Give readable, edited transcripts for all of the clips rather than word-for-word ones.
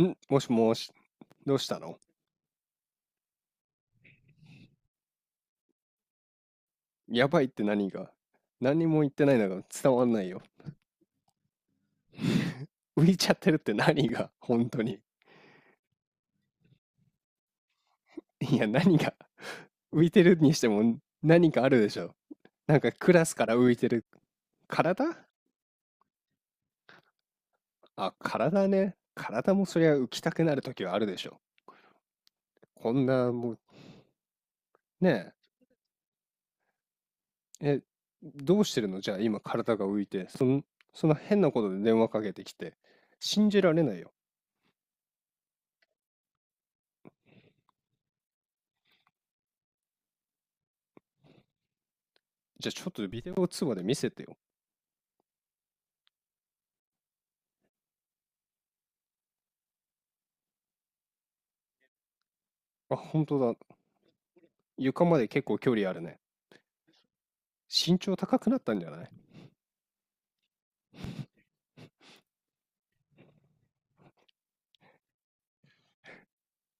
ん、もしもし、どうしたの？やばいって何が？何にも言ってないのが伝わんないよ。浮いちゃってるって何が本当に。いや、何が？浮いてるにしても何かあるでしょ。なんかクラスから浮いてる。体あ、体ね。体もそりゃ浮きたくなる時はあるでしょ。こんな、もう、ねえ。え、どうしてるの？じゃあ今体が浮いて、そんな変なことで電話かけてきて。信じられないよ。じゃあちょっとビデオ通話で見せてよ。あ、本当だ。床まで結構距離あるね。身長高くなったんじゃない？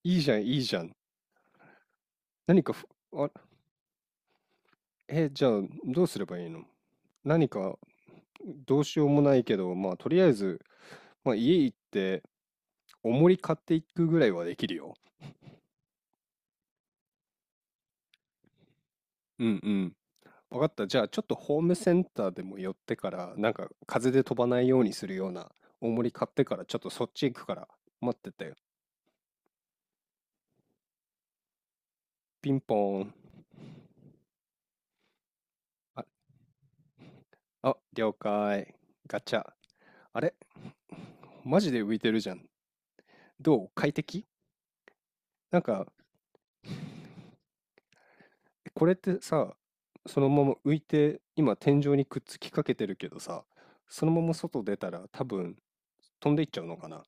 いいじゃん、いいじゃん。何かふ、あ、え、じゃあどうすればいいの？何か、どうしようもないけど、まあとりあえず、まあ家行って重り買っていくぐらいはできるよ。うんうん。わかった。じゃあちょっとホームセンターでも寄ってから、なんか風で飛ばないようにするような重り買ってから、ちょっとそっち行くから待ってて。ピンポーン。あ、あ、了解。ガチャ。あれ、マジで浮いてるじゃん。どう？快適？なんか、これってさ、そのまま浮いて、今天井にくっつきかけてるけどさ、そのまま外出たら多分飛んでいっちゃうのかな？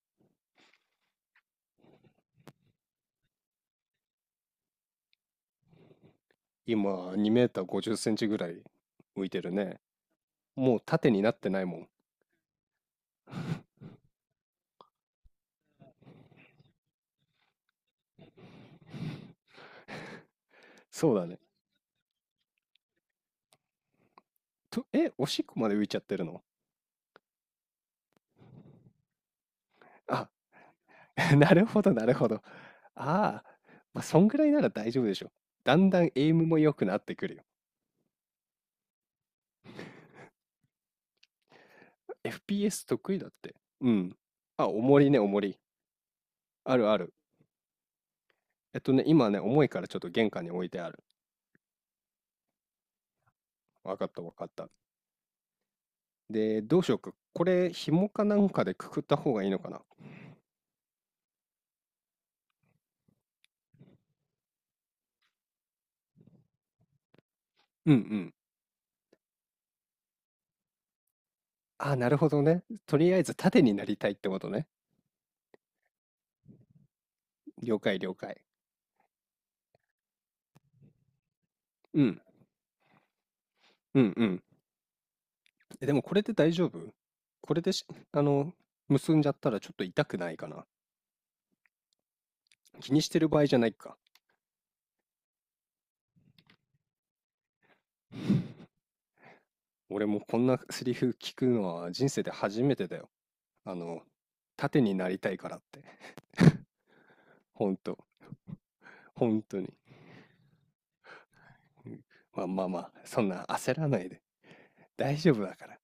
今2メーター50センチぐらい浮いてるね。もう縦になってないもん。そうだね。と、おしっこまで浮いちゃってるの？あ、なるほど、なるほど。ああ、まあ、そんぐらいなら大丈夫でしょ。だんだんエイムも良くなってくるよ。FPS 得意だって。うん。あ、重りね、重り。あるある。今ね、重いからちょっと玄関に置いてある。わかったわかった。で、どうしようか。これ、紐かなんかでくくった方がいいのかな。うんうん。あ、なるほどね。とりあえず縦になりたいってことね。了解了解。うん。うんうん。え、でもこれで大丈夫？これでし、あの、結んじゃったらちょっと痛くないかな。気にしてる場合じゃないか。俺もこんなセリフ聞くのは人生で初めてだよ。あの、縦になりたいからって、本当、本当に。うん、まあまあまあ、そんな焦らないで。大丈夫だから。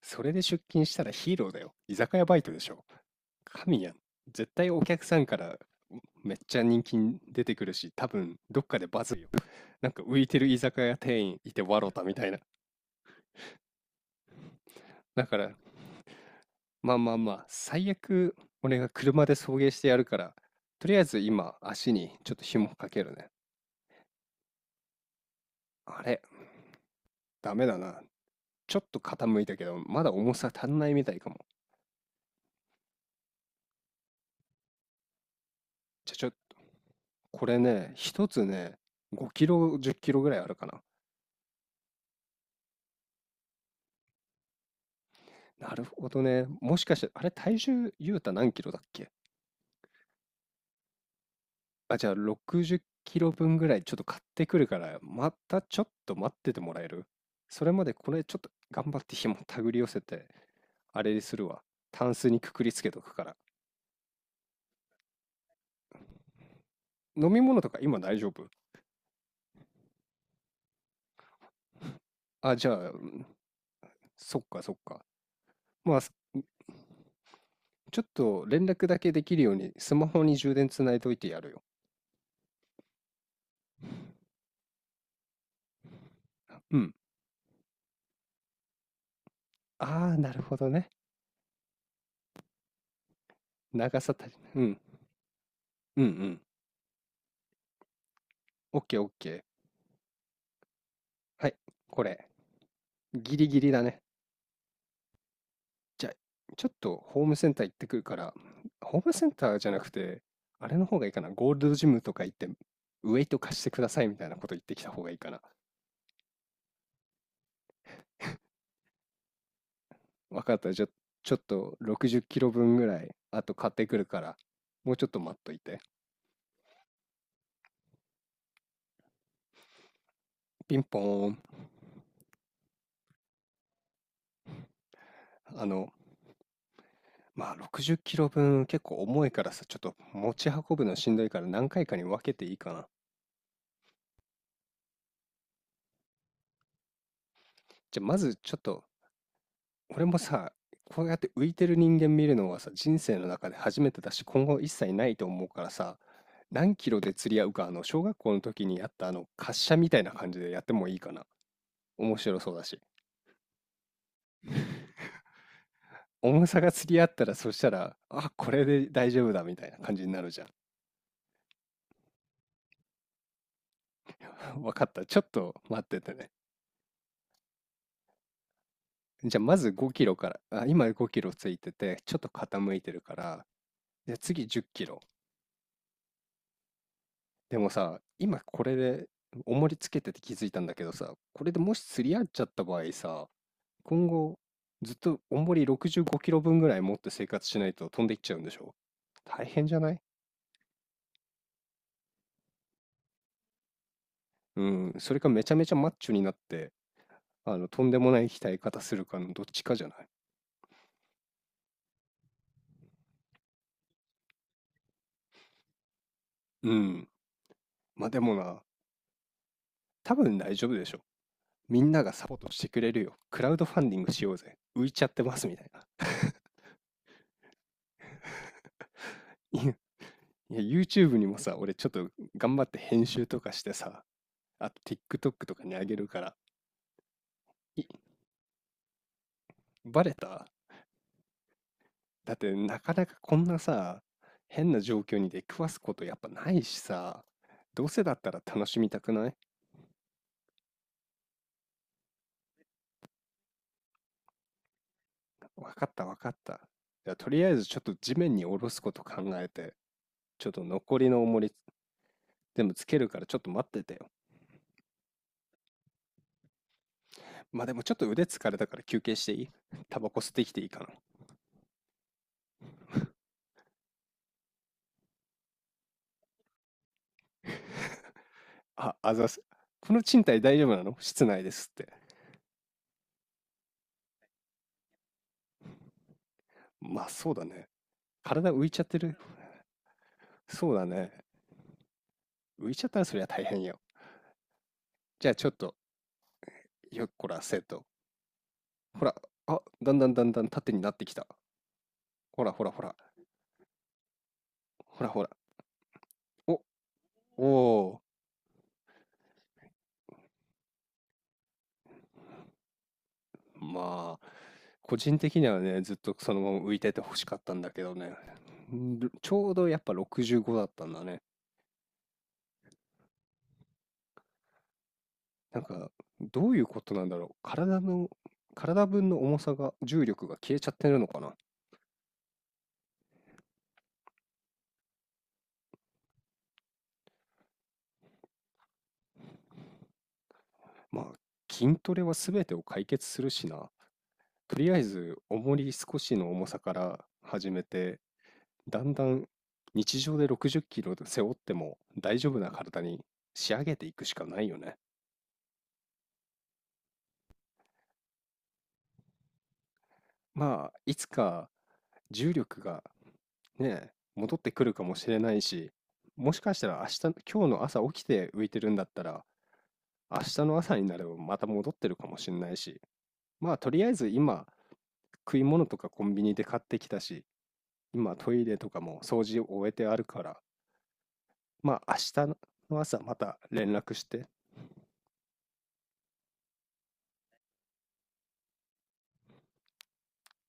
それで出勤したらヒーローだよ。居酒屋バイトでしょ。神やん。絶対お客さんからめっちゃ人気に出てくるし、多分どっかでバズるよ。なんか浮いてる居酒屋店員いて笑ったみたいな。だから、まあまあまあ、最悪俺が車で送迎してやるから、とりあえず今足にちょっと紐かけるね。あれ、ダメだな。ちょっと傾いたけど、まだ重さ足んないみたいかも。じゃ、ちょ、これね、一つね、5キロ、10キロぐらいあるかな。なるほどね。もしかして、あれ、体重、ゆうた何キロだっけ？あ、じゃあ、60キロ分ぐらいちょっと買ってくるから、またちょっと待っててもらえる？それまでこれちょっと頑張って紐手繰り寄せて、あれにするわ。タンスにくくりつけとくから。飲み物とか今大丈夫？あ、じゃあ、うん、そっかそっか。まあ、ちょっと連絡だけできるようにスマホに充電つないおいてやるよ。うん。ああ、なるほどね。長さ足りない。うん。うんうん。オッケーオッケー。はい。これ、ギリギリだね。じゃあ、ちょっとホームセンター行ってくるから、ホームセンターじゃなくて、あれの方がいいかな。ゴールドジムとか行って、ウェイト貸してくださいみたいなこと言ってきた方がいいかな。わかった。じゃあ、ちょっと60キロ分ぐらい、あと買ってくるから、もうちょっと待っといて。ピンポーン。あの、まあ、60キロ分結構重いからさ、ちょっと持ち運ぶのしんどいから何回かに分けていいかな。じゃあまずちょっと、俺もさ、こうやって浮いてる人間見るのはさ、人生の中で初めてだし、今後一切ないと思うからさ、何キロで釣り合うか、小学校の時にやったあの、滑車みたいな感じでやってもいいかな。面白そうだし。重さが釣り合ったら、そしたら、あ、これで大丈夫だみたいな感じになるじゃん。わかった。ちょっと待っててね。じゃあまず5キロから、あ、今5キロついてて、ちょっと傾いてるから、じゃあ次10キロ。でもさ、今これで重りつけてて気づいたんだけどさ、これでもし釣り合っちゃった場合さ、今後ずっと重り65キロ分ぐらい持って生活しないと飛んでいっちゃうんでしょ？大変じゃない？うん、それかめちゃめちゃマッチョになって、とんでもない鍛え方するかのどっちかじゃない？うん。まあでもな、多分大丈夫でしょ。みんながサポートしてくれるよ。クラウドファンディングしようぜ。浮いちゃってますみたいな。いや、YouTube にもさ、俺ちょっと頑張って編集とかしてさ、あと TikTok とかにあげるから。いバレた？だってなかなかこんなさ、変な状況に出くわすことやっぱないしさ、どうせだったら楽しみたくない？わかったわかった。じゃあとりあえずちょっと地面に下ろすこと考えて、ちょっと残りの重り全部つけるからちょっと待っててよ。まあでもちょっと腕疲れたから休憩していい？ タバコ吸ってきていいかな？あ、あざす。この賃貸大丈夫なの？室内ですって。まあそうだね。体浮いちゃってる。そうだね。浮いちゃったらそりゃ大変よ。じゃあちょっと、よっこら、せと、ほら、あ、だんだんだんだん縦になってきた。ほらほらほら、ほらほら。お、おー。まあ、個人的にはね、ずっとそのまま浮いてて欲しかったんだけどね。ちょうどやっぱ65だったんだね。なんか、どういうことなんだろう。体の、体分の重さが、重力が消えちゃってるのかな。まあ、筋トレは全てを解決するしな。とりあえず、重り少しの重さから始めて、だんだん日常で60キロ背負っても大丈夫な体に仕上げていくしかないよね。まあ、いつか重力がね、戻ってくるかもしれないし、もしかしたら明日、今日の朝起きて浮いてるんだったら、明日の朝になればまた戻ってるかもしれないし、まあとりあえず今食い物とかコンビニで買ってきたし、今トイレとかも掃除を終えてあるから、まあ明日の朝また連絡して